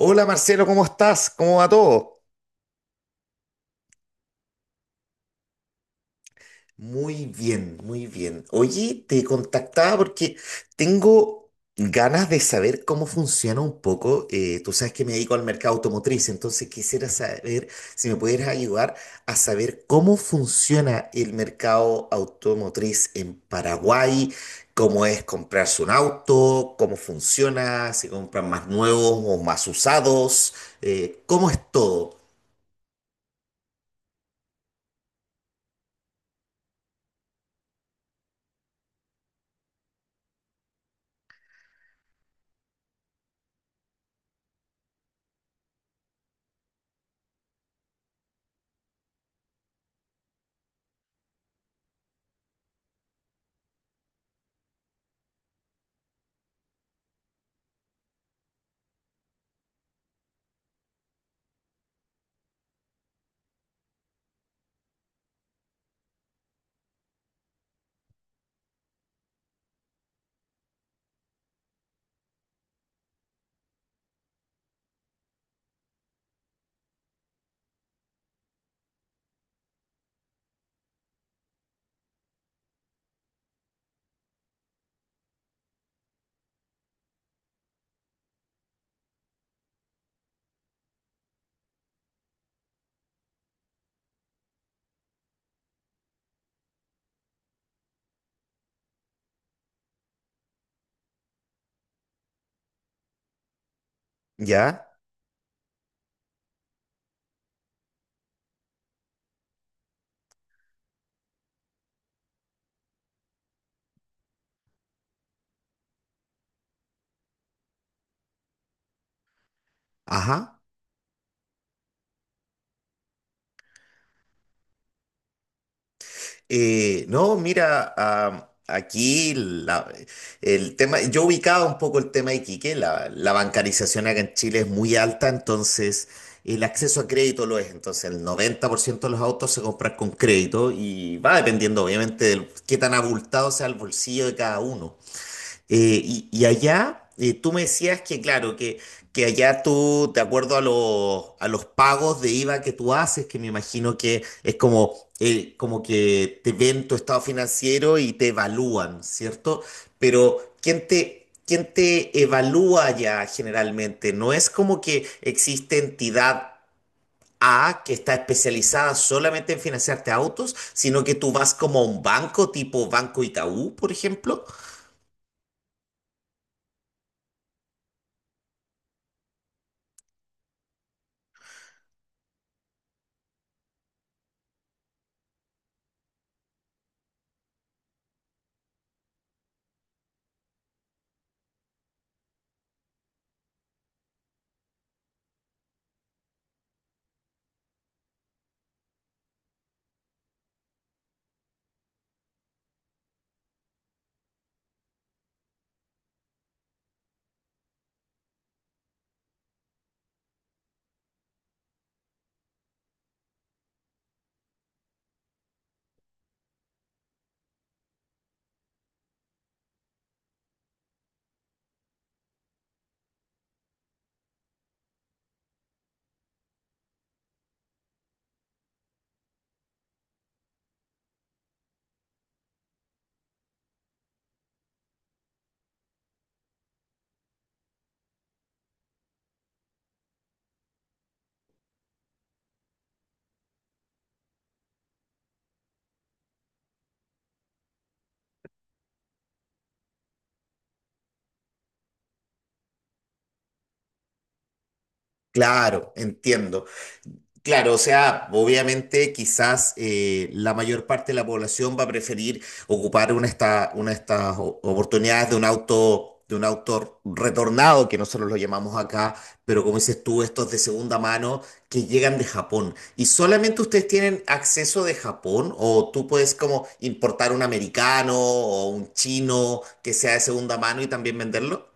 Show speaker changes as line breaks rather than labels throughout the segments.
Hola Marcelo, ¿cómo estás? ¿Cómo va todo? Muy bien, muy bien. Oye, te contactaba porque tengo ganas de saber cómo funciona un poco. Tú sabes que me dedico al mercado automotriz, entonces quisiera saber si me pudieras ayudar a saber cómo funciona el mercado automotriz en Paraguay, cómo es comprarse un auto, cómo funciona, si compran más nuevos o más usados, cómo es todo. ¿Ya? Ajá. No, mira, ah, aquí el tema, yo ubicaba un poco el tema de Iquique, la bancarización acá en Chile es muy alta, entonces el acceso a crédito lo es, entonces el 90% de los autos se compran con crédito y va dependiendo obviamente de qué tan abultado sea el bolsillo de cada uno. Y allá, tú me decías que, claro, que allá tú, de acuerdo a los, pagos de IVA que tú haces, que me imagino que es como, como que te ven tu estado financiero y te evalúan, ¿cierto? Pero, ¿quién te evalúa allá generalmente? No es como que existe entidad A que está especializada solamente en financiarte autos, sino que tú vas como a un banco tipo Banco Itaú, por ejemplo. Claro, entiendo. Claro, o sea, obviamente quizás la mayor parte de la población va a preferir ocupar una de estas oportunidades de un auto retornado, que nosotros lo llamamos acá, pero como dices tú, estos de segunda mano que llegan de Japón. ¿Y solamente ustedes tienen acceso de Japón o tú puedes como importar un americano o un chino que sea de segunda mano y también venderlo?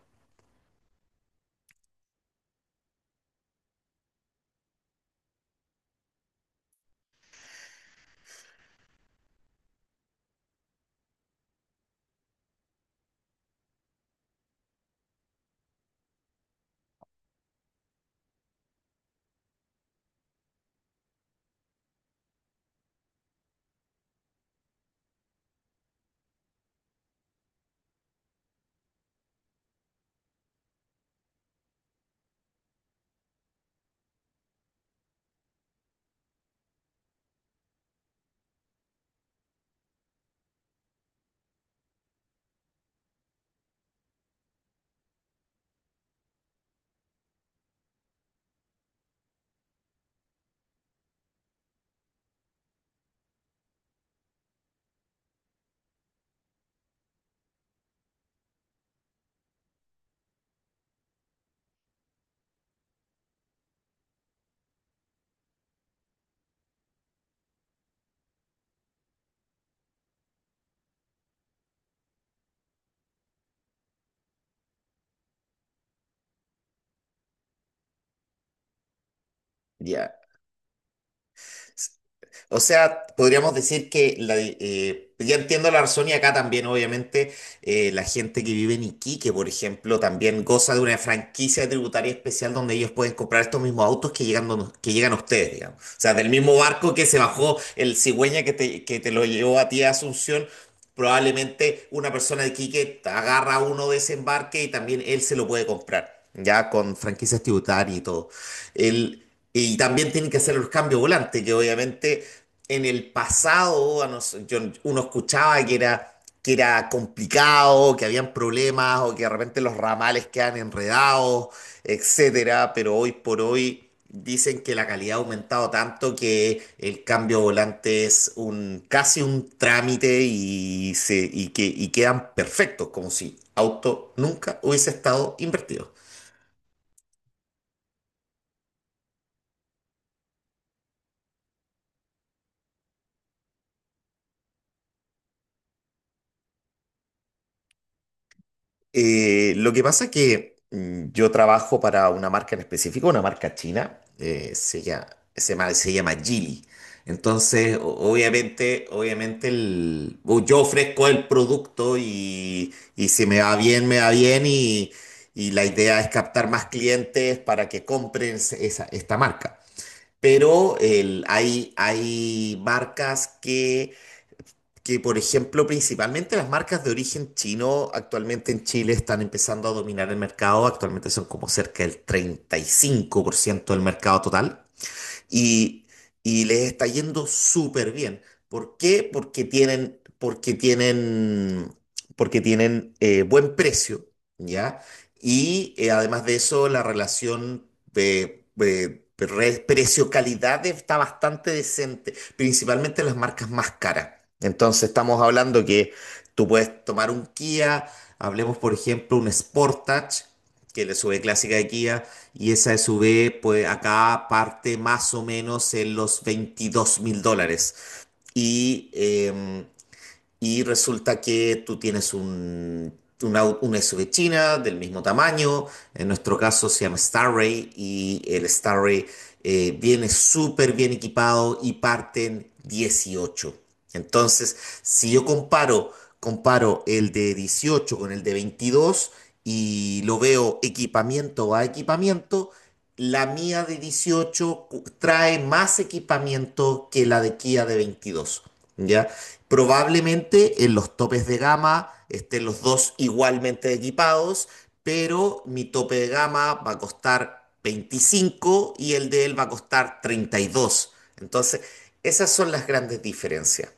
Ya. O sea, podríamos decir que ya entiendo la razón y acá también, obviamente, la gente que vive en Iquique, por ejemplo, también goza de una franquicia tributaria especial donde ellos pueden comprar estos mismos autos que llegan, que llegan a ustedes, digamos. O sea, del mismo barco que se bajó el cigüeña que te lo llevó a ti a Asunción. Probablemente una persona de Iquique agarra uno de ese embarque y también él se lo puede comprar, ya con franquicias tributarias y todo. El, y también tienen que hacer los cambios volantes, que obviamente en el pasado uno escuchaba que era, complicado, que habían problemas o que de repente los ramales quedan enredados, etcétera, pero hoy por hoy dicen que la calidad ha aumentado tanto que el cambio volante es casi un trámite y quedan perfectos, como si auto nunca hubiese estado invertido. Lo que pasa es que yo trabajo para una marca en específico, una marca china, se llama Geely. Entonces, obviamente o yo ofrezco el producto y, si me va bien, me va bien y la idea es captar más clientes para que compren esa, esta marca. Pero hay marcas que, por ejemplo, principalmente las marcas de origen chino actualmente en Chile están empezando a dominar el mercado. Actualmente son como cerca del 35% del mercado total y, y les está yendo súper bien. ¿Por qué? Porque tienen buen precio, ¿ya? Y además de eso, la relación de precio-calidad está bastante decente, principalmente las marcas más caras. Entonces estamos hablando que tú puedes tomar un Kia, hablemos por ejemplo un Sportage, que es la SUV clásica de Kia, y esa SUV, pues acá parte más o menos en los $22.000. Y eh, y resulta que tú tienes un, una SUV china del mismo tamaño, en nuestro caso se llama Starray y el Starray viene súper bien equipado y parten 18. Entonces, si yo comparo el de 18 con el de 22 y lo veo equipamiento a equipamiento, la mía de 18 trae más equipamiento que la de Kia de 22. ¿Ya? Probablemente en los topes de gama estén los dos igualmente equipados, pero mi tope de gama va a costar 25 y el de él va a costar 32. Entonces, esas son las grandes diferencias.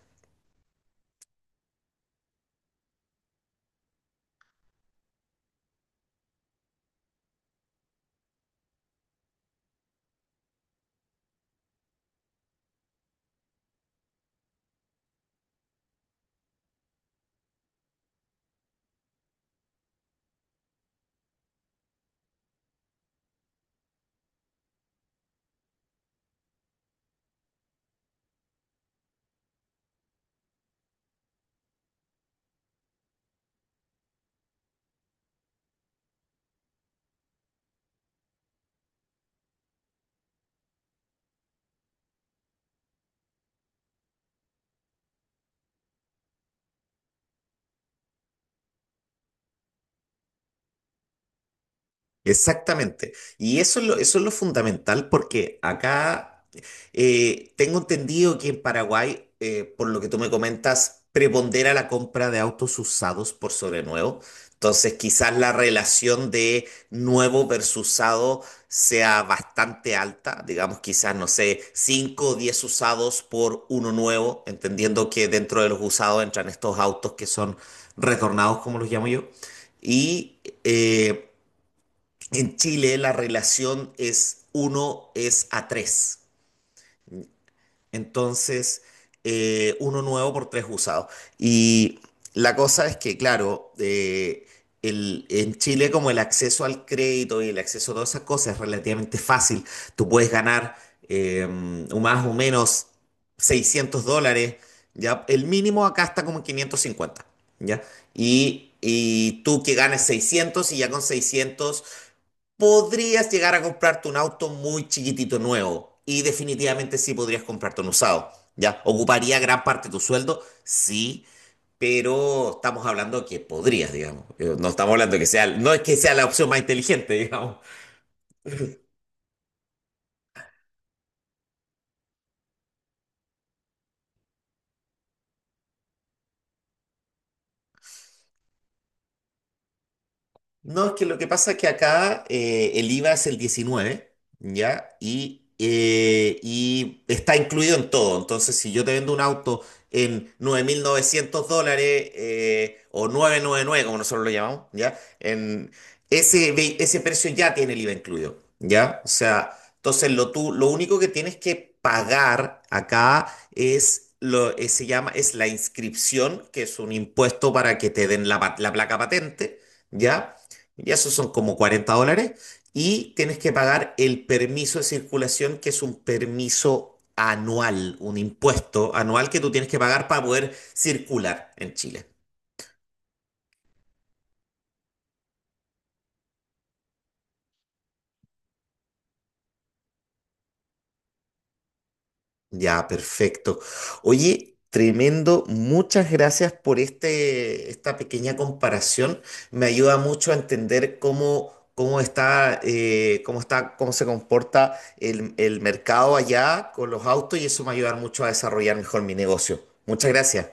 Exactamente. Y eso es lo fundamental porque acá tengo entendido que en Paraguay, por lo que tú me comentas, prepondera la compra de autos usados por sobre nuevo. Entonces, quizás la relación de nuevo versus usado sea bastante alta. Digamos, quizás, no sé, 5 o 10 usados por uno nuevo, entendiendo que dentro de los usados entran estos autos que son retornados, como los llamo yo. Y en Chile la relación es 1 a 3. Entonces, uno nuevo por tres usados. Y la cosa es que, claro, en Chile como el acceso al crédito y el acceso a todas esas cosas es relativamente fácil. Tú puedes ganar eh, o más o menos $600. ¿Ya? El mínimo acá está como en 550. ¿Ya? Y tú que ganes 600 y ya con 600 podrías llegar a comprarte un auto muy chiquitito nuevo y definitivamente sí podrías comprarte un usado, ¿ya? Ocuparía gran parte de tu sueldo, sí, pero estamos hablando que podrías, digamos. No estamos hablando que sea, no es que sea la opción más inteligente, digamos. No, es que lo que pasa es que acá el IVA es el 19. ¿Ya? Y está incluido en todo. Entonces, si yo te vendo un auto en $9.900 o 999 como nosotros lo llamamos, ¿ya? En ese precio ya tiene el IVA incluido, ¿ya? O sea, entonces lo único que tienes que pagar acá es... Lo, se llama, es la inscripción, que es un impuesto para que te den la placa patente, ¿ya? Y esos son como $40. Y tienes que pagar el permiso de circulación, que es un permiso anual, un impuesto anual que tú tienes que pagar para poder circular en Chile. Ya, perfecto. Oye, tremendo. Muchas gracias por este, esta pequeña comparación. Me ayuda mucho a entender cómo está, cómo se comporta el mercado allá con los autos y eso me va a ayudar mucho a desarrollar mejor mi negocio. Muchas gracias.